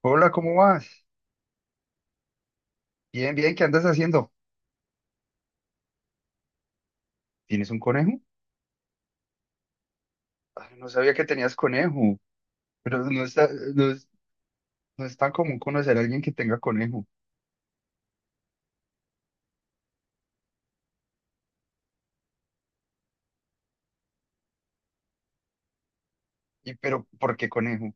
Hola, ¿cómo vas? Bien, bien, ¿qué andas haciendo? ¿Tienes un conejo? Ay, no sabía que tenías conejo, pero no está, no es, no es tan común conocer a alguien que tenga conejo. ¿Y pero por qué conejo?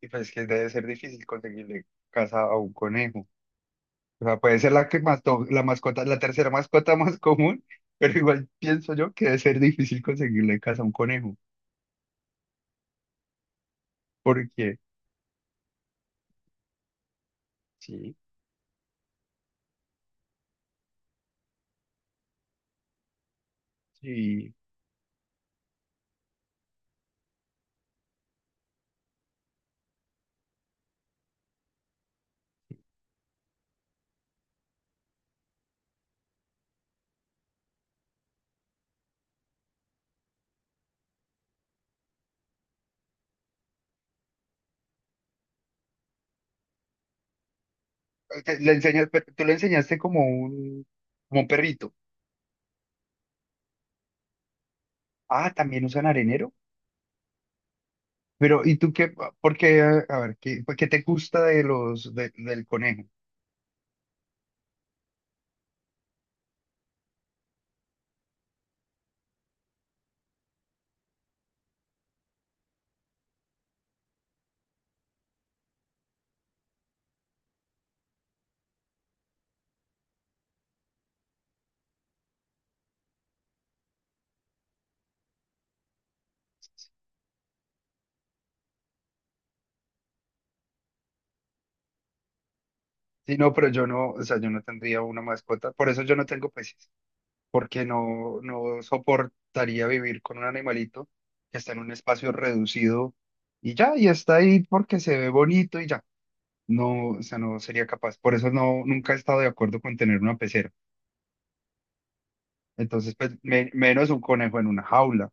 Y pues que debe ser difícil conseguirle casa a un conejo. O sea, puede ser la que mató, la mascota, la tercera mascota más común, pero igual pienso yo que debe ser difícil conseguirle casa a un conejo. Porque, sí, sí. Le enseñas, pero tú le enseñaste como un perrito. Ah, ¿también usan arenero? Pero, ¿y tú qué? Porque, a ver, ¿qué, qué te gusta de los, del conejo? Sí, no, pero yo no, o sea, yo no tendría una mascota, por eso yo no tengo peces, porque no, no soportaría vivir con un animalito que está en un espacio reducido y ya, y está ahí porque se ve bonito y ya. No, o sea, no sería capaz. Por eso no, nunca he estado de acuerdo con tener una pecera. Entonces, pues, menos un conejo en una jaula.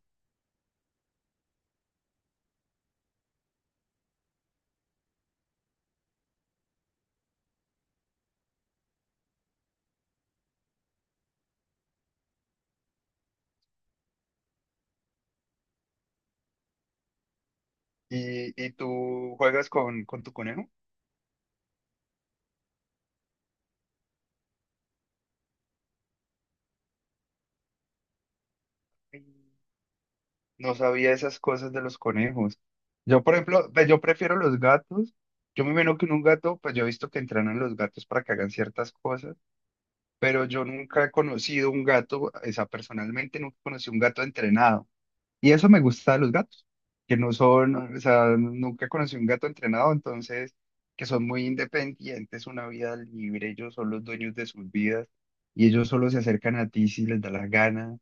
Y tú juegas con tu conejo? No sabía esas cosas de los conejos. Yo, por ejemplo, pues, yo prefiero los gatos. Yo me imagino que en un gato, pues yo he visto que entrenan los gatos para que hagan ciertas cosas, pero yo nunca he conocido un gato, o sea, personalmente nunca conocí un gato entrenado. Y eso me gusta de los gatos, que no son, o sea, nunca conocí un gato entrenado, entonces, que son muy independientes, una vida libre, ellos son los dueños de sus vidas y ellos solo se acercan a ti si les da la gana.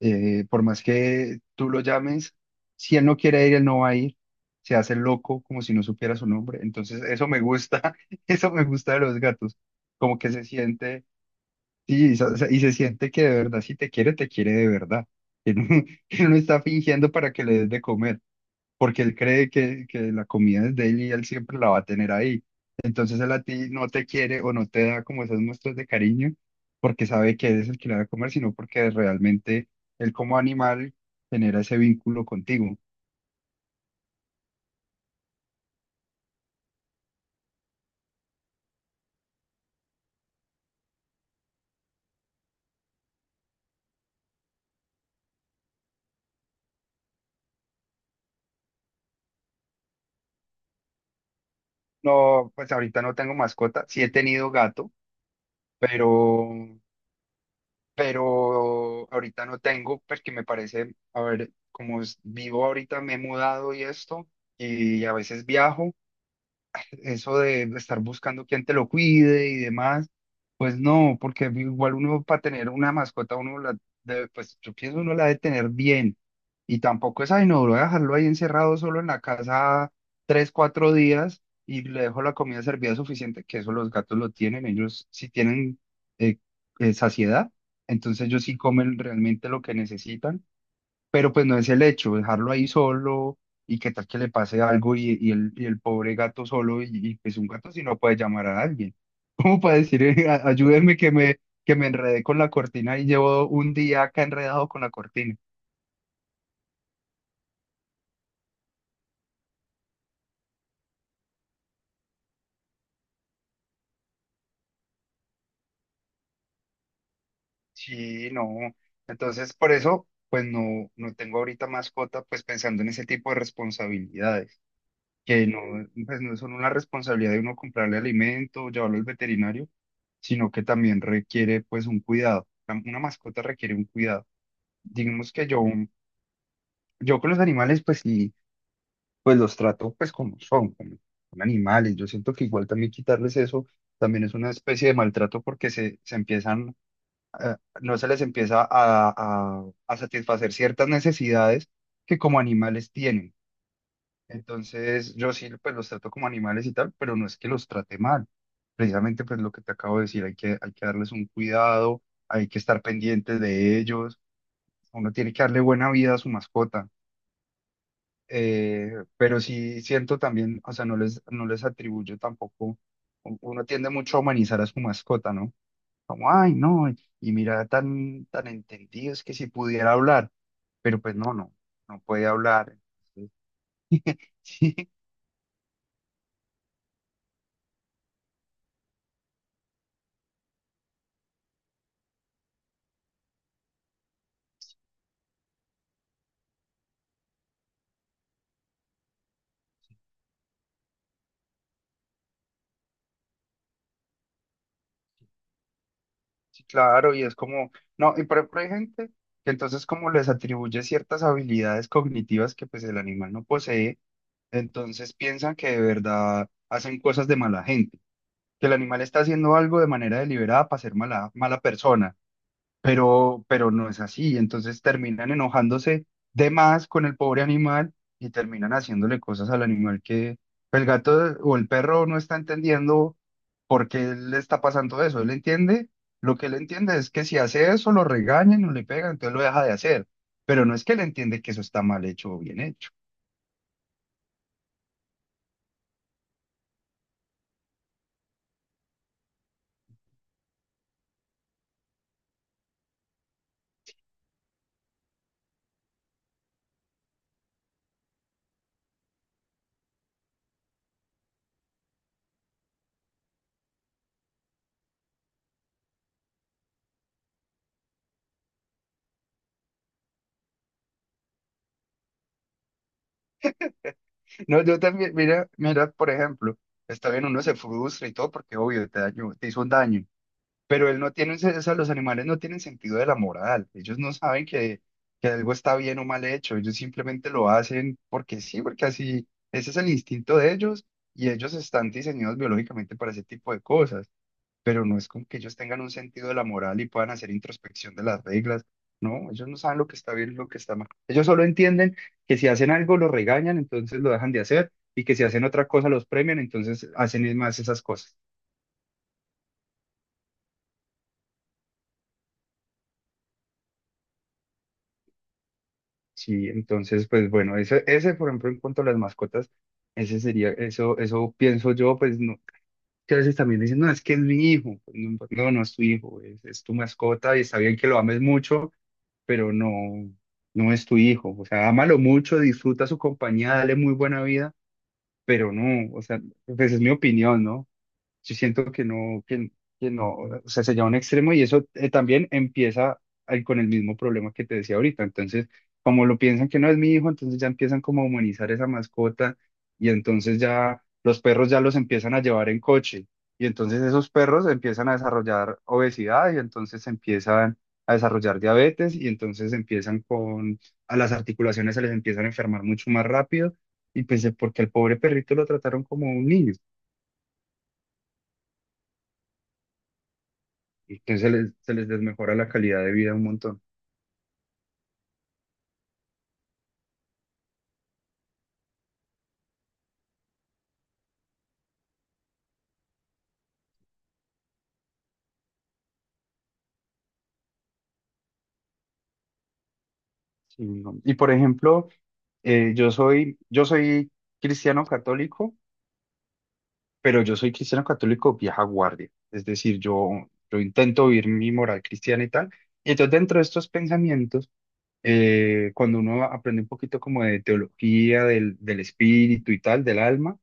Por más que tú lo llames, si él no quiere ir, él no va a ir. Se hace loco como si no supiera su nombre. Entonces, eso me gusta, eso me gusta de los gatos. Como que se siente, sí, y se siente que de verdad, si te quiere, te quiere de verdad. Que no, que no está fingiendo para que le des de comer porque él cree que la comida es de él y él siempre la va a tener ahí. Entonces él a ti no te quiere o no te da como esas muestras de cariño porque sabe que eres el que la va a comer, sino porque realmente él como animal genera ese vínculo contigo. No, pues ahorita no tengo mascota, sí he tenido gato, pero, pero ahorita no tengo porque me parece, a ver, como vivo ahorita, me he mudado y esto, y a veces viajo. Eso de estar buscando quién te lo cuide y demás, pues no, porque igual uno para tener una mascota, uno la debe, pues yo pienso uno la debe tener bien. Y tampoco es, ay, no, voy a dejarlo ahí encerrado solo en la casa tres, cuatro días y le dejo la comida servida suficiente, que eso los gatos lo tienen, ellos sí tienen eh, saciedad, entonces ellos sí comen realmente lo que necesitan pero pues no es el hecho, dejarlo ahí solo y qué tal que le pase algo y el pobre gato solo y, pues un gato si no puede llamar a alguien. ¿Cómo para decir, ayúdenme que me enredé con la cortina y llevo un día acá enredado con la cortina? Sí, no. Entonces por eso pues no, no tengo ahorita mascota pues pensando en ese tipo de responsabilidades, que no, pues no son una responsabilidad de uno comprarle alimento, llevarlo al veterinario sino que también requiere pues un cuidado. Una mascota requiere un cuidado. Digamos que yo con los animales pues sí, pues los trato pues como, son animales. Yo siento que igual también quitarles eso también es una especie de maltrato porque se empiezan, eh, no se les empieza a, a satisfacer ciertas necesidades que como animales tienen. Entonces, yo sí, pues los trato como animales y tal, pero no es que los trate mal. Precisamente, pues lo que te acabo de decir, hay que darles un cuidado, hay que estar pendientes de ellos, uno tiene que darle buena vida a su mascota. Pero sí siento también, o sea, no les, no les atribuyo tampoco, uno tiende mucho a humanizar a su mascota, ¿no? Como, ay, no, y mira, tan, tan entendido, es que si pudiera hablar, pero pues no, no, no puede hablar. Entonces, sí, sí, claro, y es como, no, y por ejemplo hay gente que entonces como les atribuye ciertas habilidades cognitivas que pues el animal no posee, entonces piensan que de verdad hacen cosas de mala gente, que el animal está haciendo algo de manera deliberada para ser mala, mala persona pero no es así. Entonces terminan enojándose de más con el pobre animal y terminan haciéndole cosas al animal que pues, el gato o el perro no está entendiendo por qué le está pasando eso. Él entiende, lo que él entiende es que si hace eso lo regañan o le pegan, entonces lo deja de hacer. Pero no es que él entiende que eso está mal hecho o bien hecho. No, yo también, mira, mira, por ejemplo, está bien, uno se frustra y todo porque obvio te dañó, te hizo un daño. Pero él no tiene, o sea, los animales no tienen sentido de la moral. Ellos no saben que algo está bien o mal hecho. Ellos simplemente lo hacen porque sí, porque así, ese es el instinto de ellos y ellos están diseñados biológicamente para ese tipo de cosas. Pero no es como que ellos tengan un sentido de la moral y puedan hacer introspección de las reglas. No, ellos no saben lo que está bien y lo que está mal. Ellos solo entienden que si hacen algo lo regañan, entonces lo dejan de hacer y que si hacen otra cosa los premian, entonces hacen más esas cosas. Sí, entonces, pues bueno, ese, por ejemplo, en cuanto a las mascotas, ese sería, eso pienso yo, pues no, que a veces también dicen, no, es que es mi hijo, pues, no, no, no es tu hijo, es tu mascota y está bien que lo ames mucho, pero no, no es tu hijo, o sea, ámalo mucho, disfruta su compañía, dale muy buena vida, pero no, o sea, pues es mi opinión, ¿no? Yo siento que no, o sea, se lleva a un extremo y eso también empieza con el mismo problema que te decía ahorita. Entonces, como lo piensan que no es mi hijo, entonces ya empiezan como a humanizar esa mascota y entonces ya los perros ya los empiezan a llevar en coche y entonces esos perros empiezan a desarrollar obesidad y entonces empiezan a desarrollar diabetes y entonces empiezan con, a las articulaciones se les empiezan a enfermar mucho más rápido y pues porque al pobre perrito lo trataron como un niño. Entonces se les desmejora la calidad de vida un montón. Sí, no. Y por ejemplo, yo soy cristiano católico, pero yo soy cristiano católico vieja guardia. Es decir, yo intento vivir mi moral cristiana y tal. Y entonces dentro de estos pensamientos, cuando uno aprende un poquito como de teología del, del espíritu y tal, del alma,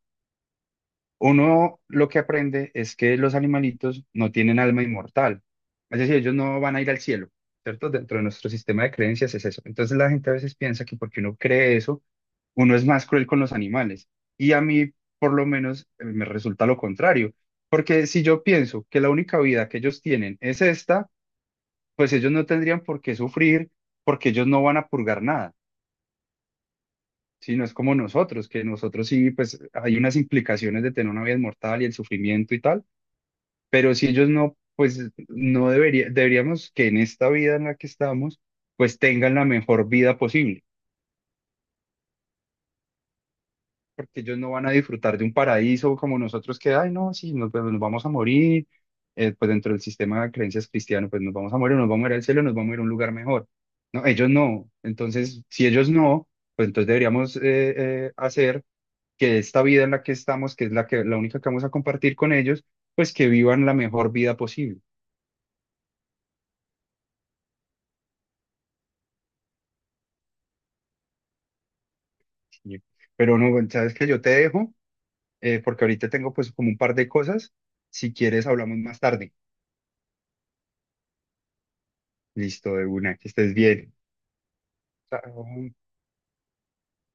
uno lo que aprende es que los animalitos no tienen alma inmortal, es decir, ellos no van a ir al cielo, ¿cierto? Dentro de nuestro sistema de creencias es eso. Entonces la gente a veces piensa que porque uno cree eso, uno es más cruel con los animales. Y a mí, por lo menos, me resulta lo contrario, porque si yo pienso que la única vida que ellos tienen es esta, pues ellos no tendrían por qué sufrir, porque ellos no van a purgar nada. Si no es como nosotros, que nosotros sí, pues hay unas implicaciones de tener una vida inmortal y el sufrimiento y tal pero si ellos no, pues no debería, deberíamos que en esta vida en la que estamos, pues tengan la mejor vida posible, porque ellos no van a disfrutar de un paraíso como nosotros que, ay, no, sí, nos, pues, nos vamos a morir, pues dentro del sistema de creencias cristiano, pues nos vamos a morir, nos vamos a ir al cielo, nos vamos a ir a un lugar mejor. No, ellos no. Entonces, si ellos no, pues entonces deberíamos hacer que esta vida en la que estamos, que es la que, la única que vamos a compartir con ellos, pues que vivan la mejor vida posible. Sí. Pero no, bueno, sabes que yo te dejo, porque ahorita tengo pues como un par de cosas. Si quieres, hablamos más tarde. Listo, de una, que estés bien. Chao.